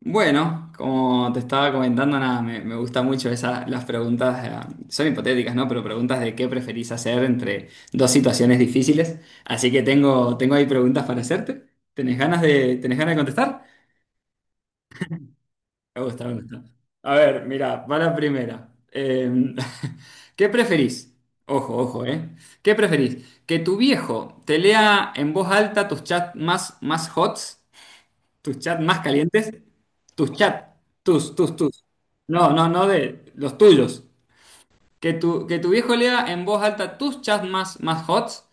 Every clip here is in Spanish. Bueno, como te estaba comentando, nada, me gusta mucho esa, las preguntas, son hipotéticas, ¿no? Pero preguntas de qué preferís hacer entre dos situaciones difíciles. Así que tengo ahí preguntas para hacerte. ¿Tenés ganas tenés ganas de contestar? Me gusta. A ver, mira, va la primera. ¿Qué preferís? Ojo, ojo, ¿eh? ¿Qué preferís? ¿Que tu viejo te lea en voz alta tus chats más hots. Tus chats más calientes. Tus chats. Tus. No, no, no de los tuyos. Que tu viejo lea en voz alta tus chats más hots.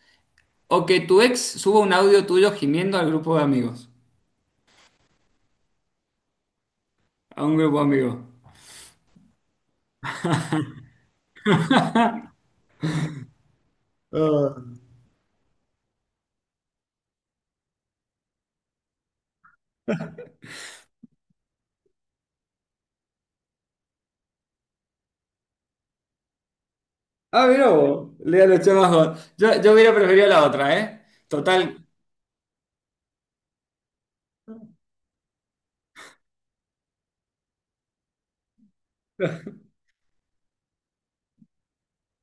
O que tu ex suba un audio tuyo gimiendo al grupo de amigos. A un grupo de amigos. Ah, mira vos. Lea los chats más hots. Yo hubiera preferido la otra, ¿eh? Total.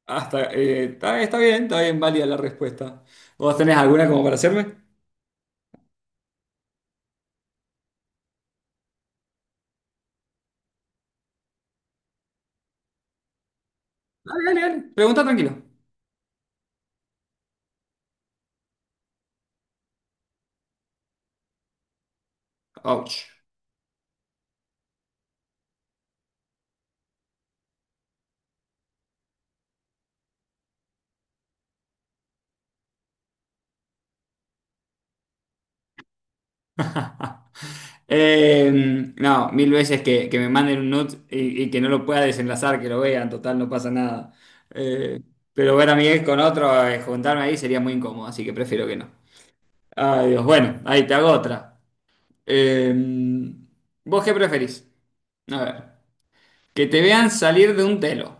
Hasta, está bien válida la respuesta. ¿Vos tenés alguna como para hacerme? Dale. Pregunta tranquilo. Ouch. Eh, no, mil veces que, me manden un nude y que no lo pueda desenlazar, que lo vean, total, no pasa nada. Eh, pero ver a Miguel con otro, juntarme ahí sería muy incómodo, así que prefiero que no. Ay, Dios, bueno, ahí te hago otra. Eh, ¿Vos qué preferís? A ver, que te vean salir de un telo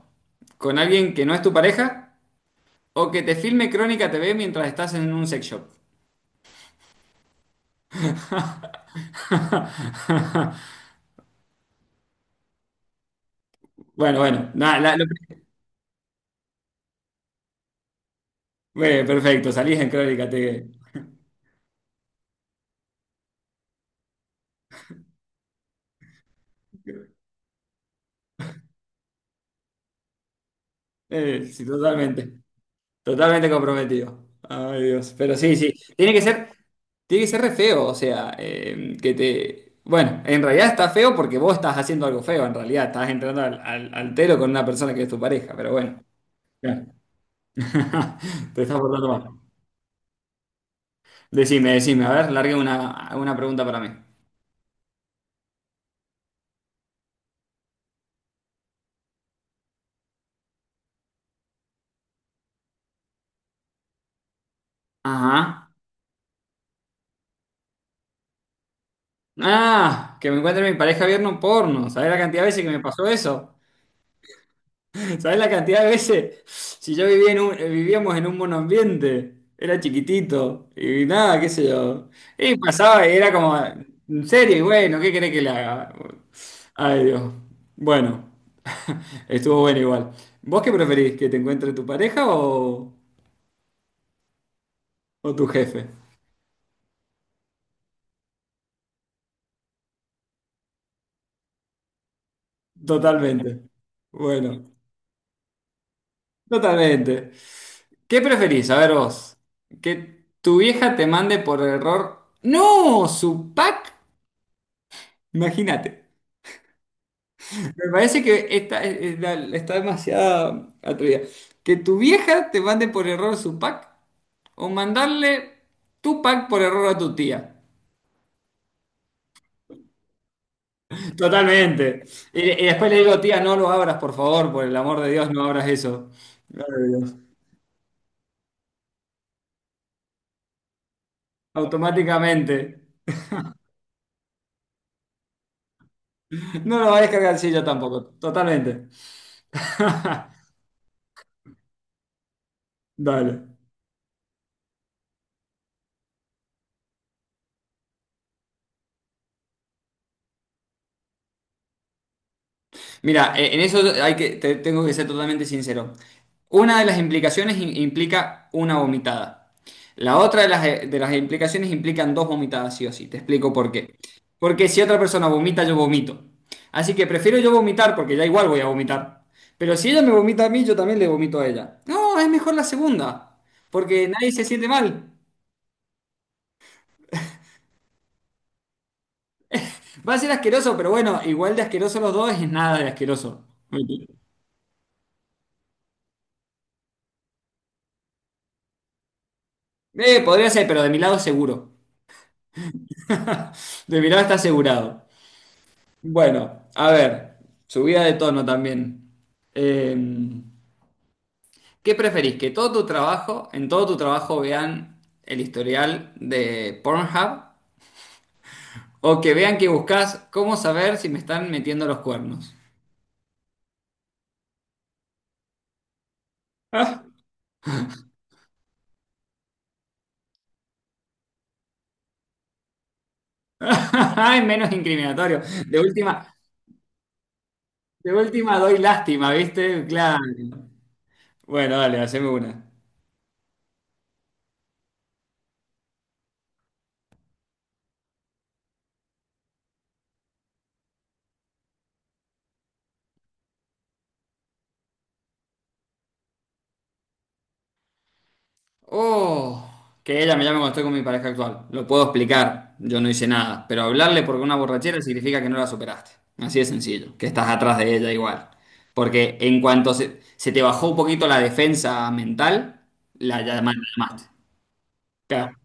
con alguien que no es tu pareja o que te filme Crónica TV mientras estás en un sex shop. Bueno, bueno, nada, bueno, perfecto, salís en Crónica TV. Sí, totalmente. Totalmente comprometido. Ay, Dios. Pero sí, sí. Tiene que ser re feo. O sea, que te. Bueno, en realidad está feo porque vos estás haciendo algo feo. En realidad estás entrando al telo con una persona que es tu pareja. Pero bueno. Claro. Te estás portando mal. Decime, decime. A ver, largue una pregunta para mí. Ajá. Ah, que me encuentre mi pareja viendo un porno. ¿Sabés la cantidad de veces que me pasó eso? ¿Sabés la cantidad de veces? Si yo vivía en vivíamos en un monoambiente, era chiquitito y nada, qué sé yo. Y pasaba y era como, en serio, y bueno, ¿qué querés que le haga? Ay, Dios. Bueno, estuvo bueno igual. ¿Vos qué preferís? ¿Que te encuentre tu pareja o tu jefe? Totalmente. Bueno, totalmente. ¿Qué preferís? A ver vos. ¿Que tu vieja te mande por error? ¡No! ¿Su pack? Imagínate. Me parece que está, está demasiado atrevida. Que tu vieja te mande por error su pack o mandarle tu pack por error a tu tía. Totalmente. Y después le digo, tía, no lo abras, por favor, por el amor de Dios, no abras eso. Gloria a Dios. Automáticamente. No lo va a descargar, sí, yo tampoco. Totalmente. Dale. Mira, en eso hay que tengo que ser totalmente sincero. Una de las implicaciones implica una vomitada. La otra de las de las implicaciones implican dos vomitadas, sí o sí. Te explico por qué. Porque si otra persona vomita, yo vomito. Así que prefiero yo vomitar porque ya igual voy a vomitar. Pero si ella me vomita a mí, yo también le vomito a ella. No, es mejor la segunda, porque nadie se siente mal. Va a ser asqueroso, pero bueno, igual de asqueroso los dos es nada de asqueroso. Podría ser, pero de mi lado seguro. De mi lado está asegurado. Bueno, a ver, subida de tono también. Eh, ¿Qué preferís? ¿Que en todo tu trabajo vean el historial de Pornhub? ¿O que vean que buscas cómo saber si me están metiendo los cuernos? Ay, menos incriminatorio. De última, de última doy lástima, ¿viste? Claro. Bueno, dale, haceme una. Oh, que ella me llame cuando estoy con mi pareja actual. Lo puedo explicar, yo no hice nada. Pero hablarle porque una borrachera significa que no la superaste. Así de sencillo, que estás atrás de ella igual. Porque en cuanto se te bajó un poquito la defensa mental, la llamaste. Claro.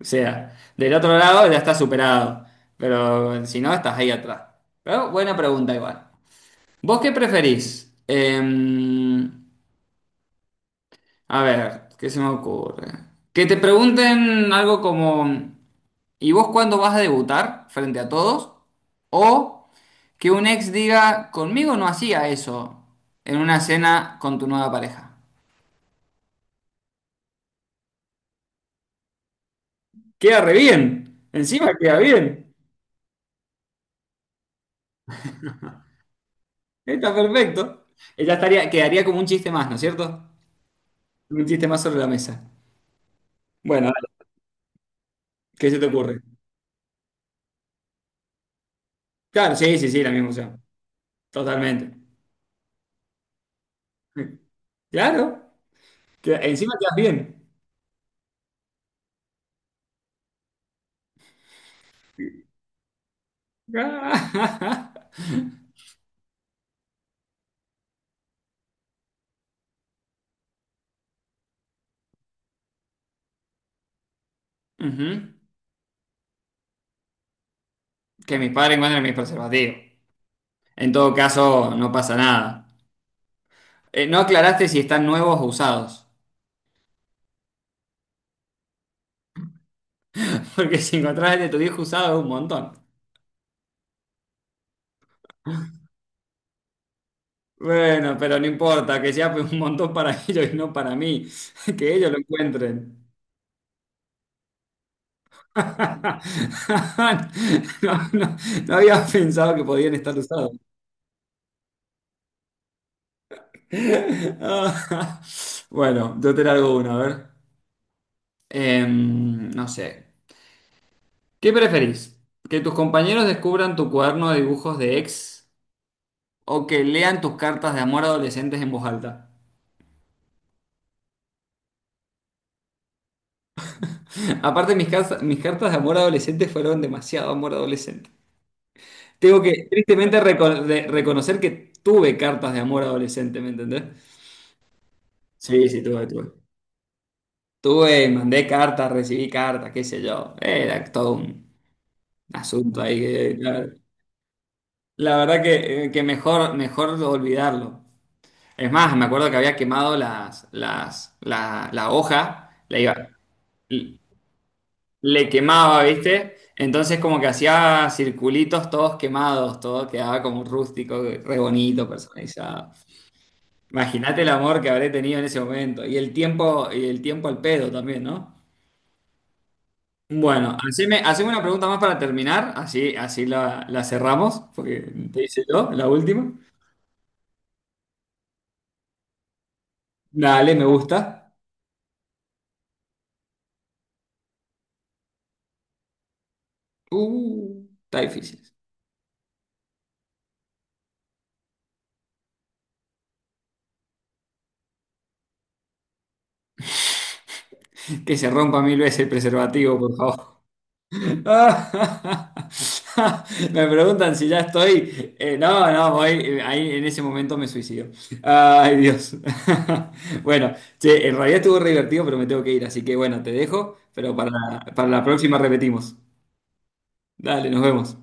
O sea, del otro lado ya está superado. Pero si no, estás ahí atrás. Pero buena pregunta igual. ¿Vos qué preferís? A ver, ¿qué se me ocurre? Que te pregunten algo como... ¿Y vos cuándo vas a debutar frente a todos? O que un ex diga, conmigo no hacía eso en una cena con tu nueva pareja. Queda re bien. Encima queda bien. Está perfecto. Ella estaría, quedaría como un chiste más, ¿no es cierto? Un chiste más sobre la mesa. Bueno, dale, ¿qué se te ocurre? Claro, sí, sí, sí, la misma opción. Totalmente. Claro. Encima quedas bien. Ujú. Que mis padres encuentren mis preservativos. En todo caso, no pasa nada. No aclaraste si están nuevos o usados. Porque si encontrás el de tu viejo usado es un montón. Bueno, pero no importa, que sea un montón para ellos y no para mí. Que ellos lo encuentren. No, no, no había pensado que podían estar usados. Ah, bueno, yo te largo una, a ver. No sé. ¿Qué preferís? ¿Que tus compañeros descubran tu cuaderno de dibujos de ex? O que lean tus cartas de amor adolescentes en voz alta. Aparte, mis cartas de amor adolescente fueron demasiado amor adolescente. Tengo que tristemente reconocer que tuve cartas de amor adolescente, ¿me entendés? Sí, sí, tuve. Tuve, mandé cartas, recibí cartas, qué sé yo. Era todo un asunto ahí que, claro. La verdad que mejor, mejor olvidarlo. Es más, me acuerdo que había quemado la hoja, la iba, le quemaba, ¿viste? Entonces como que hacía circulitos todos quemados, todo quedaba como rústico, re bonito, personalizado. Imagínate el amor que habré tenido en ese momento y el tiempo al pedo también, ¿no? Bueno, haceme una pregunta más para terminar, así, la, la cerramos, porque te hice yo, la última. Dale, me gusta. Está difícil. Que se rompa mil veces el preservativo, por favor. Ah, Me preguntan si ya estoy. No, no, voy. Ahí en ese momento me suicido. Ay, Dios. Bueno, che, en realidad estuvo re divertido, pero me tengo que ir. Así que bueno, te dejo. Para la próxima repetimos. Dale, nos vemos.